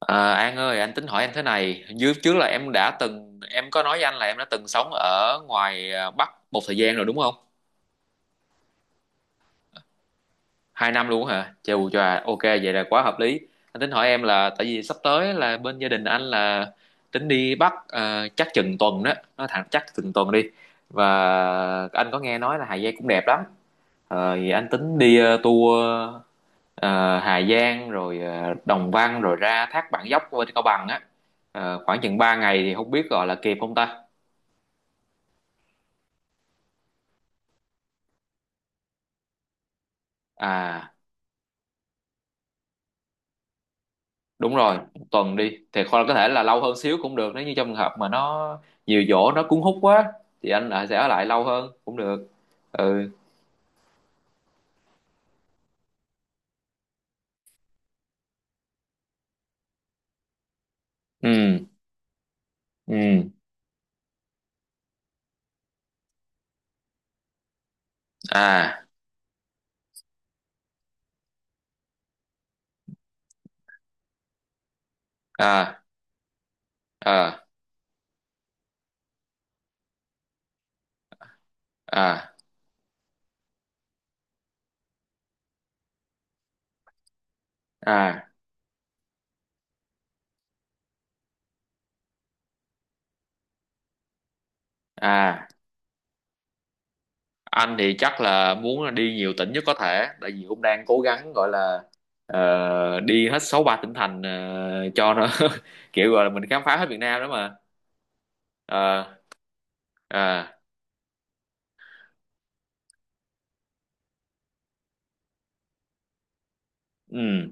À, An ơi, anh tính hỏi em thế này. Dưới trước là em có nói với anh là em đã từng sống ở ngoài Bắc một thời gian rồi đúng không? 2 năm luôn hả? Chù chà, ok, vậy là quá hợp lý. Anh tính hỏi em là, tại vì sắp tới là bên gia đình anh là tính đi Bắc chắc chừng tuần đó, nó thẳng chắc chừng tuần đi. Và anh có nghe nói là Hà Giang cũng đẹp lắm. Vậy anh tính đi tour ờ, Hà Giang rồi Đồng Văn rồi ra Thác Bản Dốc bên Cao Bằng á. Khoảng chừng 3 ngày thì không biết gọi là kịp không ta. À, đúng rồi, một tuần đi thì hoặc là có thể là lâu hơn xíu cũng được nếu như trong trường hợp mà nó nhiều chỗ nó cuốn hút quá thì anh lại sẽ ở lại lâu hơn cũng được. Ừ. Ừ. Ừ. À. À. À. À. À. À. Anh thì chắc là muốn là đi nhiều tỉnh nhất có thể tại vì cũng đang cố gắng gọi là đi hết 63 tỉnh thành cho nó kiểu gọi là mình khám phá hết Việt Nam đó mà. Ờ. À. Ừ.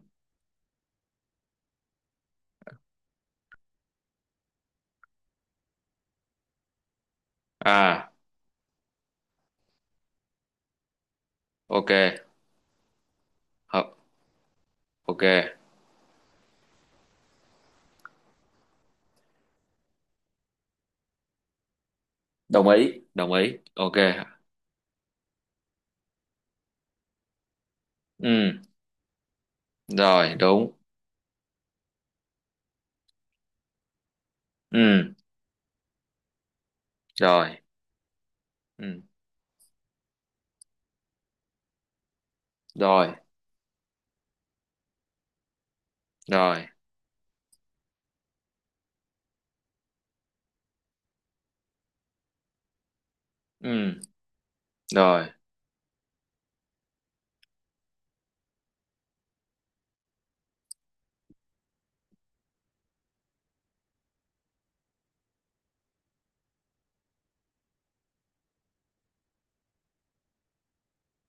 À. Ok. Hợp. Ok. Đồng ý, đồng ý, ok. Ừ. Rồi, đúng. Ừ. Rồi. Ừ. Rồi. Rồi. Ừ. Rồi.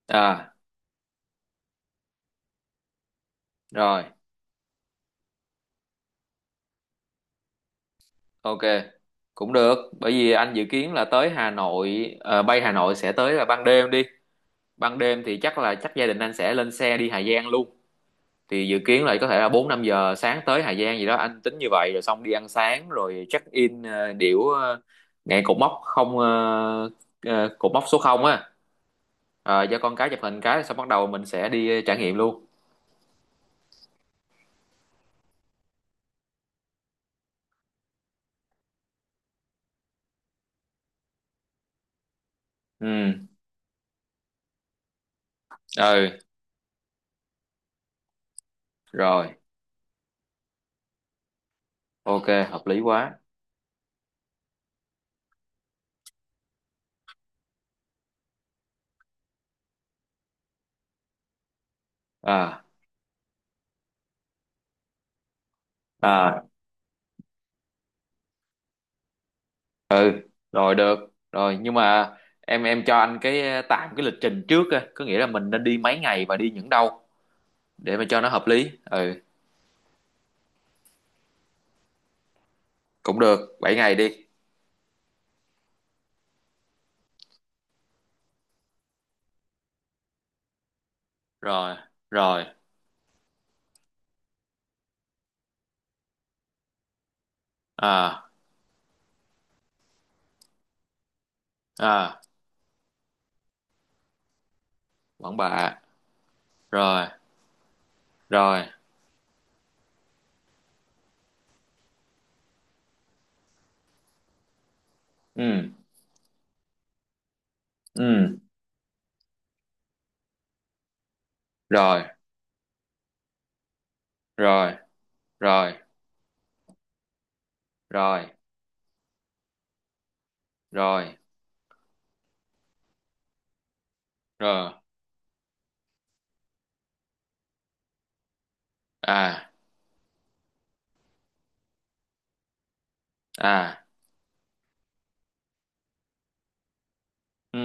À. Rồi. Ok. Cũng được, bởi vì anh dự kiến là tới Hà Nội bay Hà Nội sẽ tới là ban đêm đi. Ban đêm thì chắc là chắc gia đình anh sẽ lên xe đi Hà Giang luôn. Thì dự kiến là có thể là 4-5 giờ sáng tới Hà Giang gì đó anh tính như vậy, rồi xong đi ăn sáng rồi check in ngay cột mốc số 0 á. Ờ, cho con cái chụp hình cái xong bắt đầu mình sẽ đi trải nghiệm luôn. Ừ. Ừ. Rồi. Ok, hợp lý quá. À. À. Ừ. Rồi, được. Rồi, nhưng mà em cho anh cái tạm cái lịch trình trước á, có nghĩa là mình nên đi mấy ngày và đi những đâu để mà cho nó hợp lý. Ừ. Cũng được, 7 ngày đi. Rồi. Rồi. À. À. Quảng Bạ. Rồi. Rồi. Ừ. Ừ. Rồi. Rồi. Rồi. Rồi. Rồi. Rồi. À. À. Ừ.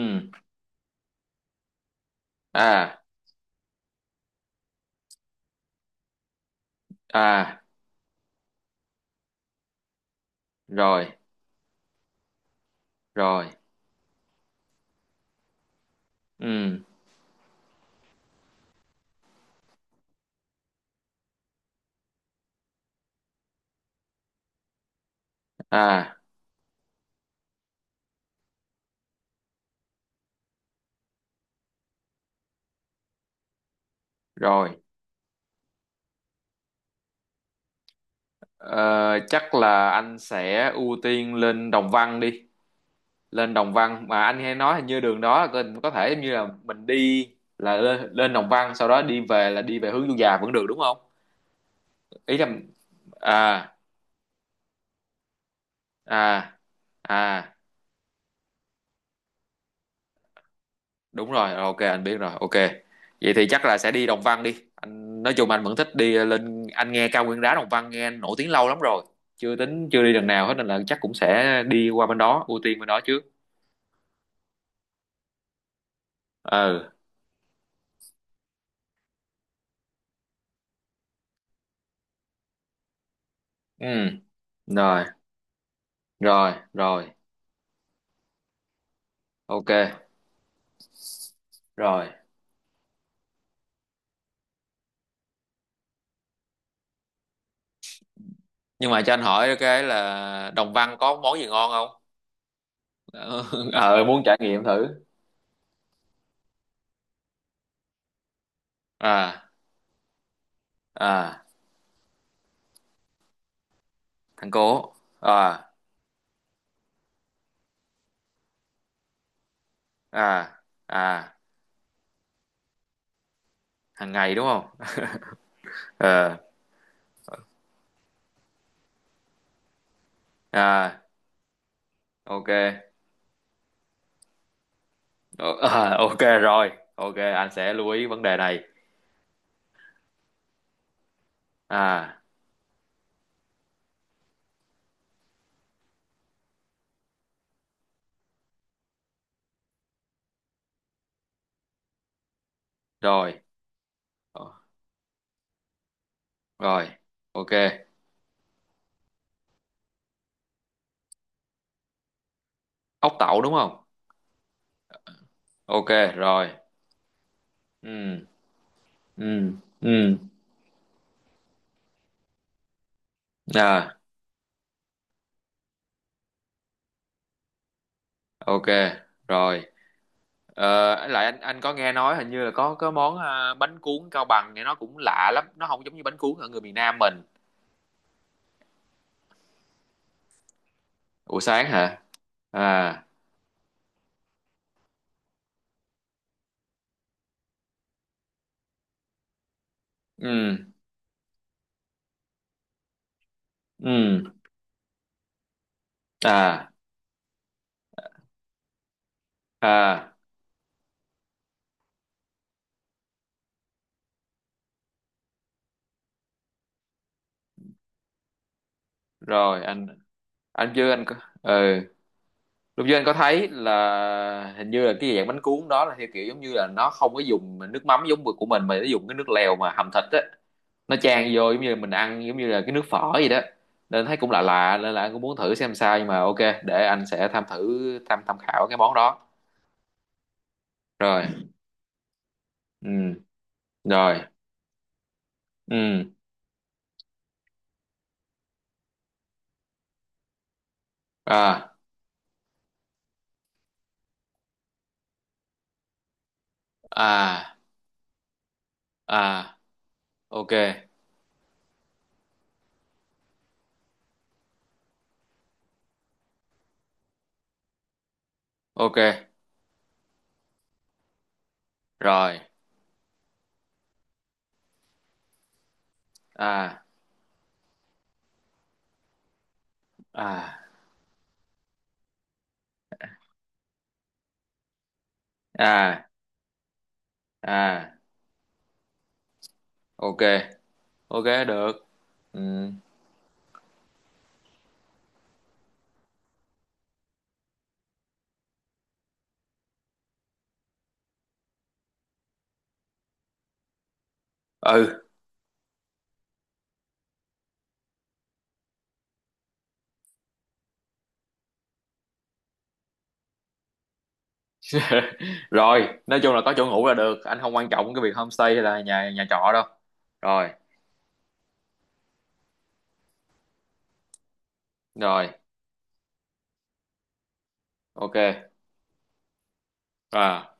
À. À. Rồi. Rồi. Ừ. À. Rồi. Ờ, Chắc là anh sẽ ưu tiên lên Đồng Văn đi. Lên Đồng Văn mà anh hay nói hình như đường đó là có thể giống như là mình đi, là lên Đồng Văn sau đó đi về là đi về hướng Du Già vẫn được đúng không? Ý là à. À. À. Đúng rồi, ok anh biết rồi, ok. Vậy thì chắc là sẽ đi Đồng Văn đi, anh nói chung anh vẫn thích đi lên, anh nghe cao nguyên đá Đồng Văn nghe nổi tiếng lâu lắm rồi chưa tính chưa đi lần nào hết nên là chắc cũng sẽ đi qua bên đó ưu tiên bên đó trước. Ừ. Ừ. Rồi. Rồi. Rồi. Ok. Rồi, nhưng mà cho anh hỏi cái là Đồng Văn có món gì ngon không? ờ muốn trải nghiệm thử. À. À. Thằng cố. À. À. À. Hàng ngày đúng không? Ờ. À. Ok. Ờ, ok rồi, ok anh sẽ lưu ý vấn đề này. À. Rồi. Ờ. Rồi, ok. Ốc tẩu đúng không? Ok. Rồi. Ừ. Ừ. Ừ. À. Ok. Rồi. Ờ lại Anh có nghe nói hình như là có món bánh cuốn Cao Bằng nghe nó cũng lạ lắm, nó không giống như bánh cuốn ở người miền Nam mình. Buổi sáng hả? À. Ừ. Ừ. À. À. Rồi, Anh chưa, anh có. Ừ. Lúc trước anh có thấy là hình như là cái dạng bánh cuốn đó là theo kiểu giống như là nó không có dùng nước mắm giống của mình mà nó dùng cái nước lèo mà hầm thịt á, nó chan vô giống như là mình ăn giống như là cái nước phở gì đó nên thấy cũng lạ lạ nên là anh cũng muốn thử xem sao nhưng mà ok, để anh sẽ tham thử tham tham khảo cái món đó. Rồi. Ừ. Rồi. Ừ. À. À. À. Ok. Ok. Rồi. À. À. À. À. Ok. Ok, được. Ừ. Ừ. Rồi, nói chung là có chỗ ngủ là được, anh không quan trọng cái việc homestay hay là nhà nhà trọ đâu. Rồi. Rồi. Ok. À.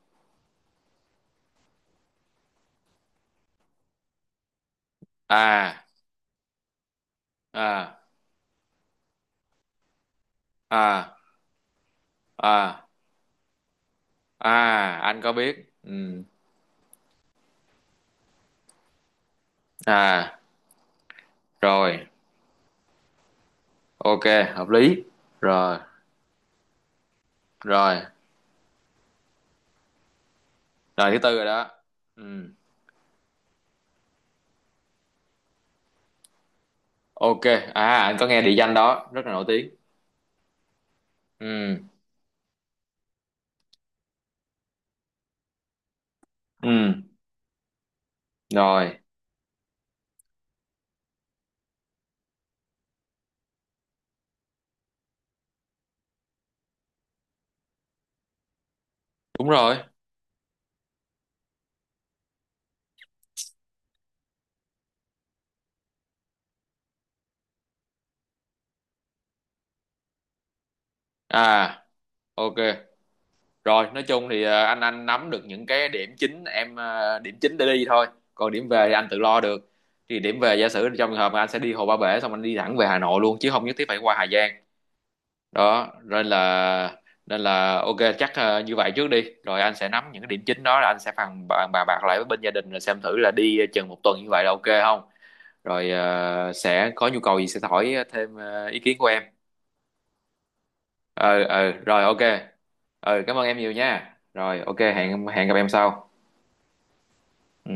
À. À. À. À. À. Anh có biết. Ừ. À. Rồi. Ok, hợp lý. Rồi. Rồi. Rồi, thứ tư rồi đó. Ừ. Ok. À, anh có nghe địa danh đó rất là nổi tiếng. Ừ. Ừ. Rồi. Đúng rồi. À. Ok. Rồi, nói chung thì anh nắm được những cái điểm chính em điểm chính để đi thôi. Còn điểm về thì anh tự lo được. Thì điểm về giả sử trong trường hợp mà anh sẽ đi Hồ Ba Bể xong anh đi thẳng về Hà Nội luôn chứ không nhất thiết phải qua Hà Giang. Đó, nên là ok, chắc như vậy trước đi. Rồi anh sẽ nắm những cái điểm chính đó là anh sẽ phàn bàn bàn bạc lại với bên gia đình rồi xem thử là đi chừng một tuần như vậy là ok không? Rồi sẽ có nhu cầu gì sẽ hỏi thêm ý kiến của em. Ờ Rồi ok. Ờ, cảm ơn em nhiều nha. Rồi ok, hẹn hẹn gặp em sau. Ừ.